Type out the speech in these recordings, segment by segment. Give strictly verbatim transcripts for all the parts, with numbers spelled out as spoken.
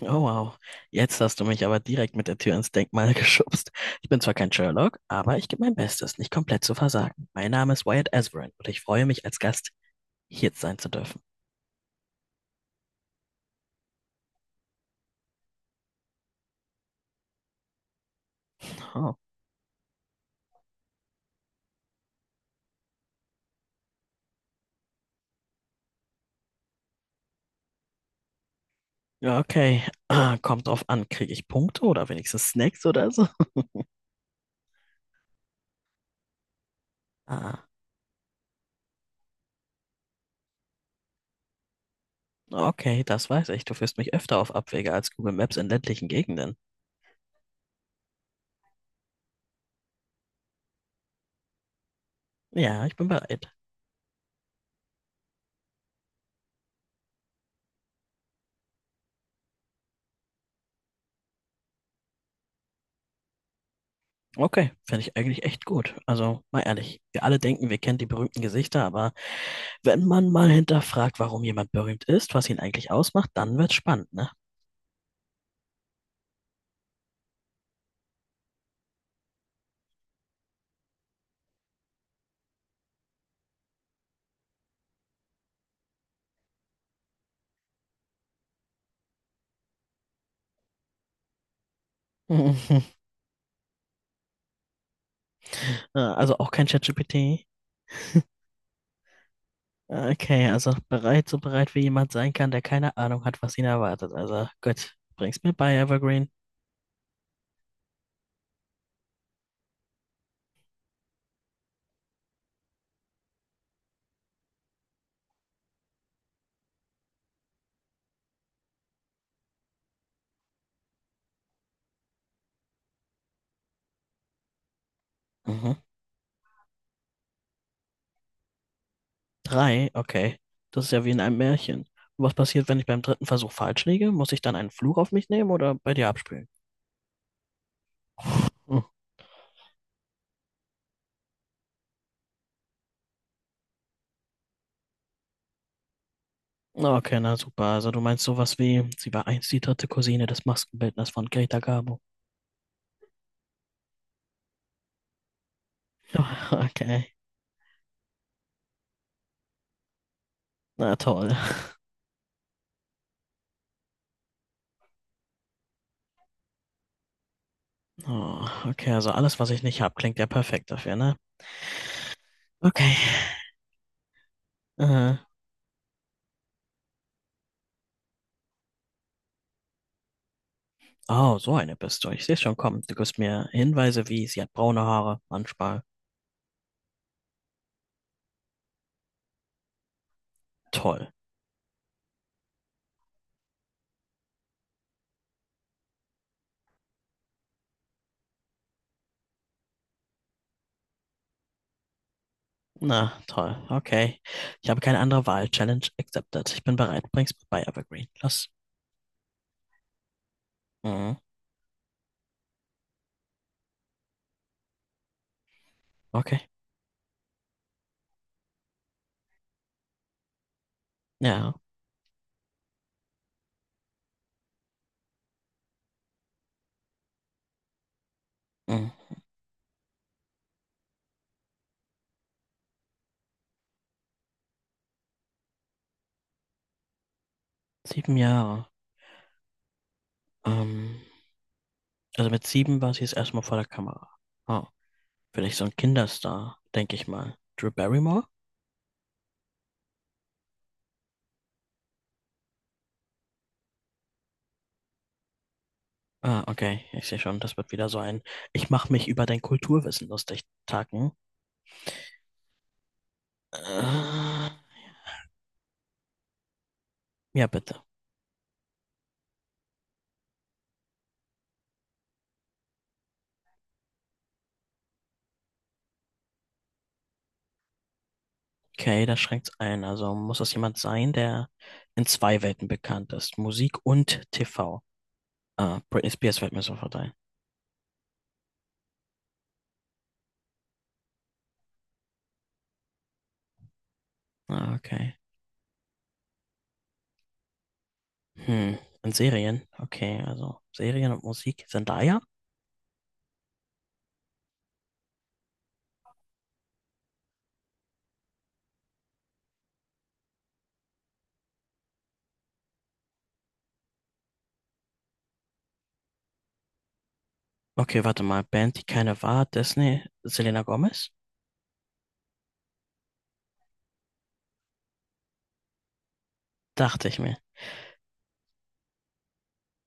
Oh wow, jetzt hast du mich aber direkt mit der Tür ins Denkmal geschubst. Ich bin zwar kein Sherlock, aber ich gebe mein Bestes, nicht komplett zu versagen. Mein Name ist Wyatt Asverin und ich freue mich, als Gast hier sein zu dürfen. Oh. Ja, okay, ah, kommt drauf an, kriege ich Punkte oder wenigstens Snacks oder so? Ah, okay, das weiß ich. Du führst mich öfter auf Abwege als Google Maps in ländlichen Gegenden. Ja, ich bin bereit. Okay, finde ich eigentlich echt gut. Also, mal ehrlich, wir alle denken, wir kennen die berühmten Gesichter, aber wenn man mal hinterfragt, warum jemand berühmt ist, was ihn eigentlich ausmacht, dann wird's spannend, ne? Äh, Also auch kein ChatGPT. Ah, Okay, also bereit, so bereit wie jemand sein kann, der keine Ahnung hat, was ihn erwartet. Also gut, bring's mir bei, Evergreen. Mhm. Drei, okay. Das ist ja wie in einem Märchen. Und was passiert, wenn ich beim dritten Versuch falsch liege? Muss ich dann einen Fluch auf mich nehmen oder bei dir abspielen? Hm. Ah, Okay, na super. Also du meinst sowas wie, sie war einst die dritte Cousine des Maskenbildners von Greta Garbo. Okay. Na toll. Oh, okay, also alles, was ich nicht hab, klingt ja perfekt dafür, ne? Okay. Äh, oh, so eine bist du. Ich sehe schon kommen. Du gibst mir Hinweise wie, sie hat braune Haare, Handschmal. Toll. Na, toll. Okay. Ich habe keine andere Wahl. Challenge accepted. Ich bin bereit. Bring's bei Evergreen. Los. Mhm. Okay. Ja. Mhm. Sieben Jahre. Ähm, also mit sieben war sie jetzt erstmal vor der Kamera. Oh, vielleicht so ein Kinderstar, denke ich mal. Drew Barrymore? Ah, okay. Ich sehe schon, das wird wieder so ein, ich mache mich über dein Kulturwissen lustig, Taken. Äh, ja, bitte. Okay, das schränkt's ein. Also muss das jemand sein, der in zwei Welten bekannt ist. Musik und T V. Ah, Britney Spears fällt mir sofort ein. Ah, okay. Hm. Und Serien? Okay, also Serien und Musik. Zendaya? Okay, warte mal. Band, die keine war. Disney. Selena Gomez? Dachte ich mir.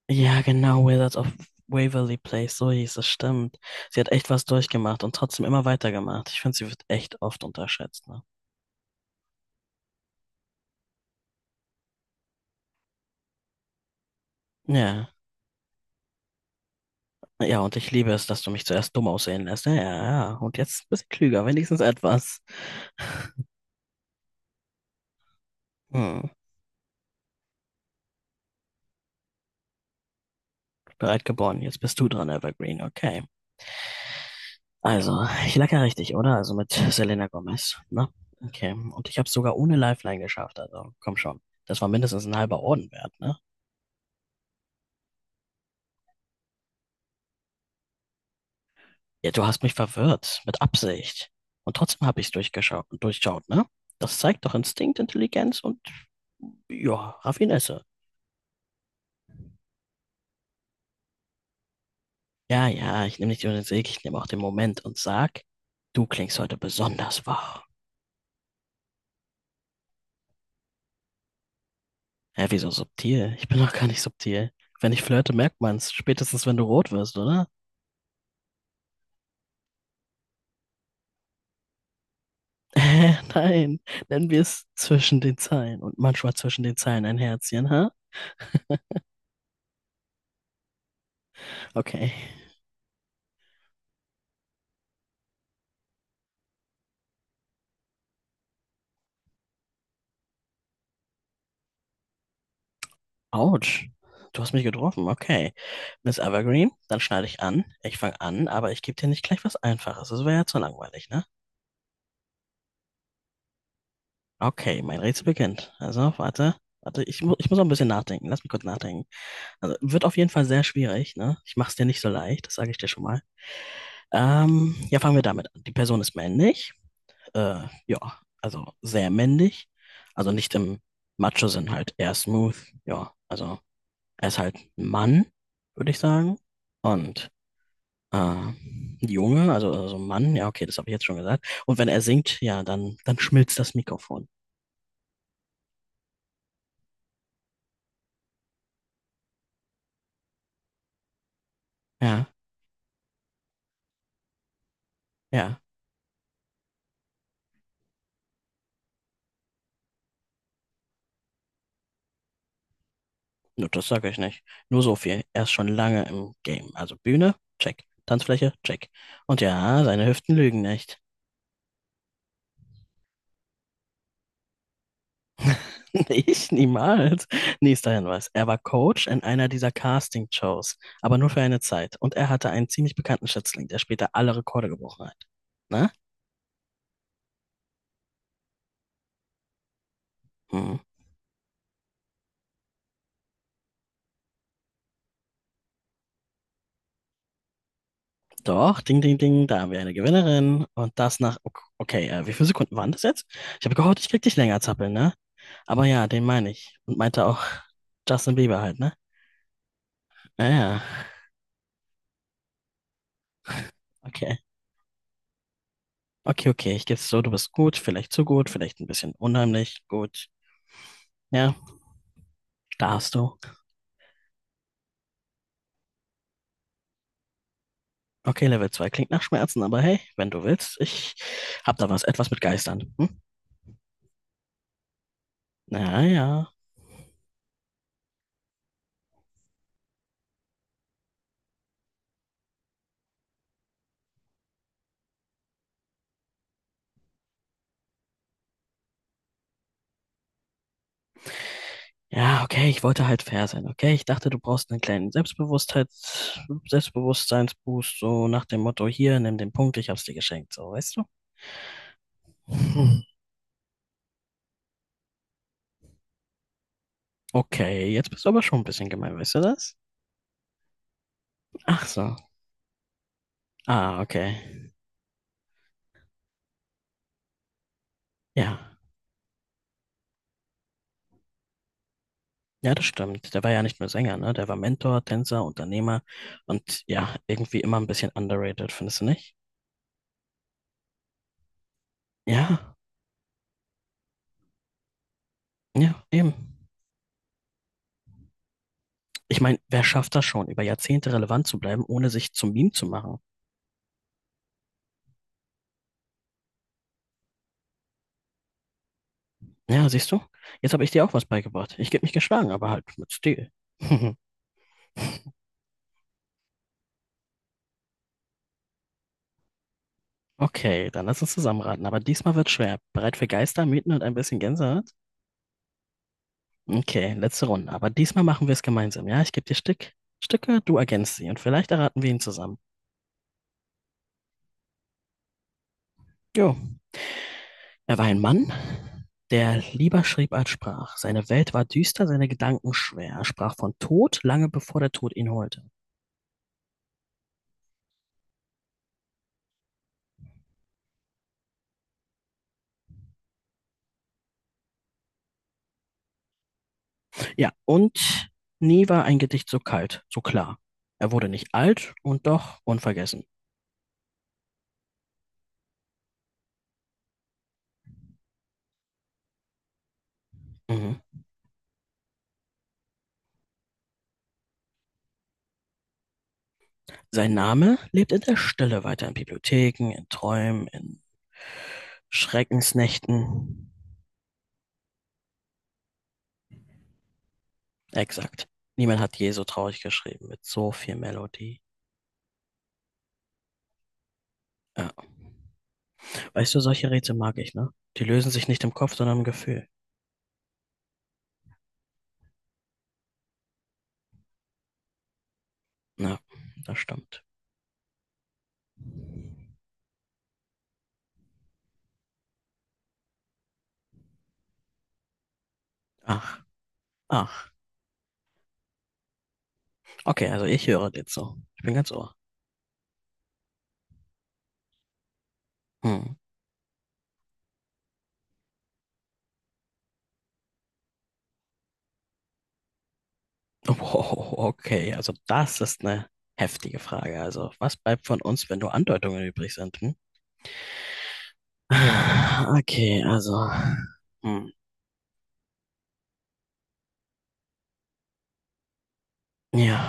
Ja, genau, Wizards of Waverly Place, so hieß es, stimmt. Sie hat echt was durchgemacht und trotzdem immer weitergemacht. Ich finde, sie wird echt oft unterschätzt, ne? Ja. Ja, und ich liebe es, dass du mich zuerst dumm aussehen lässt. Ja, ja, ja. Und jetzt ein bisschen klüger, wenigstens etwas. Hm, bereit geboren. Jetzt bist du dran, Evergreen. Okay. Also, ich lag ja richtig, oder? Also mit Selena Gomez, ne? Okay. Und ich habe es sogar ohne Lifeline geschafft, also komm schon. Das war mindestens ein halber Orden wert, ne? Ja, du hast mich verwirrt, mit Absicht. Und trotzdem habe ich es durchgeschaut, durchschaut, ne? Das zeigt doch Instinkt, Intelligenz und, ja, Raffinesse. Ja, ja, ich nehme nicht nur den Sieg, ich nehme auch den Moment und sag, du klingst heute besonders wach. Hä, wieso subtil? Ich bin doch gar nicht subtil. Wenn ich flirte, merkt man's, spätestens wenn du rot wirst, oder? Äh, nein, nennen wir es zwischen den Zeilen und manchmal zwischen den Zeilen ein Herzchen, ha? Okay. Autsch. Du hast mich getroffen, okay. Miss Evergreen, dann schneide ich an. Ich fange an, aber ich gebe dir nicht gleich was Einfaches. Das wäre ja zu langweilig, ne? Okay, mein Rätsel beginnt. Also, warte. Warte, ich, mu ich muss noch ein bisschen nachdenken. Lass mich kurz nachdenken. Also, wird auf jeden Fall sehr schwierig, ne? Ich mach's dir nicht so leicht, das sage ich dir schon mal. Ähm, ja, fangen wir damit an. Die Person ist männlich. Äh, ja, also sehr männlich. Also nicht im Macho-Sinn halt, eher smooth. Ja, also er ist halt ein Mann, würde ich sagen. Und Ah, Junge, also, also Mann, ja, okay, das habe ich jetzt schon gesagt. Und wenn er singt, ja, dann, dann schmilzt das Mikrofon. Ja, ja, nur das sage ich nicht. Nur so viel. Er ist schon lange im Game. Also Bühne, check. Tanzfläche, check. Und ja, seine Hüften lügen nicht. Ich niemals. Nächster Hinweis. Er war Coach in einer dieser Casting-Shows, aber nur für eine Zeit. Und er hatte einen ziemlich bekannten Schützling, der später alle Rekorde gebrochen hat. Na? Hm. Doch, ding, ding, ding, da haben wir eine Gewinnerin. Und das nach, ok- okay, äh, wie viele Sekunden waren das jetzt? Ich habe gehofft, ich krieg dich länger zappeln, ne? Aber ja, den meine ich. Und meinte auch Justin Bieber halt, ne? Naja, okay. Okay, okay, ich geb's so, du bist gut, vielleicht zu gut, vielleicht ein bisschen unheimlich, gut. Ja, darfst du. Okay, Level zwei klingt nach Schmerzen, aber hey, wenn du willst, ich hab da was, etwas mit Geistern. Hm? Naja. Ja, okay, ich wollte halt fair sein, okay? Ich dachte, du brauchst einen kleinen Selbstbewusstheits Selbstbewusstseinsboost, so nach dem Motto, hier, nimm den Punkt, ich hab's dir geschenkt, so, weißt du? Hm. Okay, jetzt bist du aber schon ein bisschen gemein, weißt du das? Ach so. Ah, okay. Ja. Ja, das stimmt. Der war ja nicht nur Sänger, ne? Der war Mentor, Tänzer, Unternehmer und ja, irgendwie immer ein bisschen underrated, findest du nicht? Ja, ja, eben. Ich meine, wer schafft das schon, über Jahrzehnte relevant zu bleiben, ohne sich zum Meme zu machen? Ja, siehst du? Jetzt habe ich dir auch was beigebracht. Ich geb mich geschlagen, aber halt mit Stil. Okay, dann lass uns zusammenraten. Aber diesmal wird schwer. Bereit für Geister, Mythen und ein bisschen Gänsehaut? Okay, letzte Runde. Aber diesmal machen wir es gemeinsam. Ja, ich gebe dir Stück, Stücke, du ergänzt sie und vielleicht erraten wir ihn zusammen. Jo. Er war ein Mann, der lieber schrieb als sprach. Seine Welt war düster, seine Gedanken schwer. Er sprach von Tod, lange bevor der Tod ihn holte. Ja, und nie war ein Gedicht so kalt, so klar. Er wurde nicht alt und doch unvergessen. Mhm. Sein Name lebt in der Stille weiter, in Bibliotheken, in Träumen, in Schreckensnächten. Exakt. Niemand hat je so traurig geschrieben, mit so viel Melodie. Ja. Weißt du, solche Rätsel mag ich, ne? Die lösen sich nicht im Kopf, sondern im Gefühl. Na, das stimmt. Ach, ach. Okay, also ich höre jetzt so. Ich bin ganz Ohr. Hm. Wow, okay, also das ist eine heftige Frage. Also, was bleibt von uns, wenn nur Andeutungen übrig sind? Hm? Ah, Okay, also, hm, ja,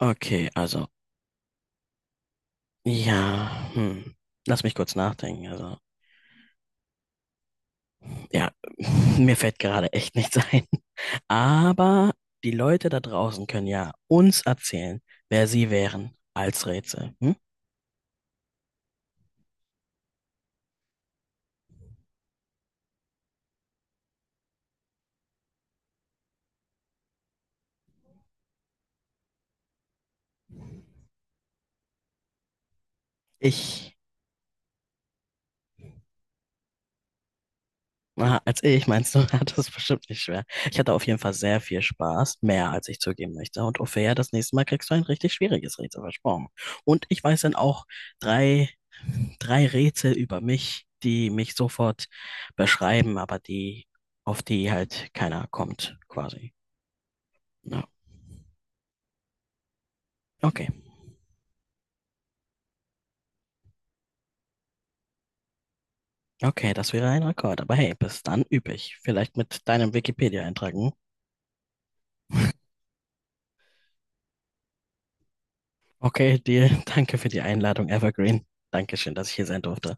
okay, also, ja, hm. Lass mich kurz nachdenken. Also, ja, mir fällt gerade echt nichts ein. Aber die Leute da draußen können ja uns erzählen, wer sie wären als Rätsel. Hm? Ich Aha, als ich, meinst du, hat das bestimmt nicht schwer. Ich hatte auf jeden Fall sehr viel Spaß, mehr als ich zugeben möchte. Und Ophäa, das nächste Mal kriegst du ein richtig schwieriges Rätsel versprochen. Und ich weiß dann auch drei, drei Rätsel über mich, die mich sofort beschreiben, aber die, auf die halt keiner kommt, quasi. Ja. Okay, okay, das wäre ein Rekord. Aber hey, bis dann üb ich. Vielleicht mit deinem Wikipedia-Eintrag, hm? Okay, dir, danke für die Einladung, Evergreen. Dankeschön, dass ich hier sein durfte.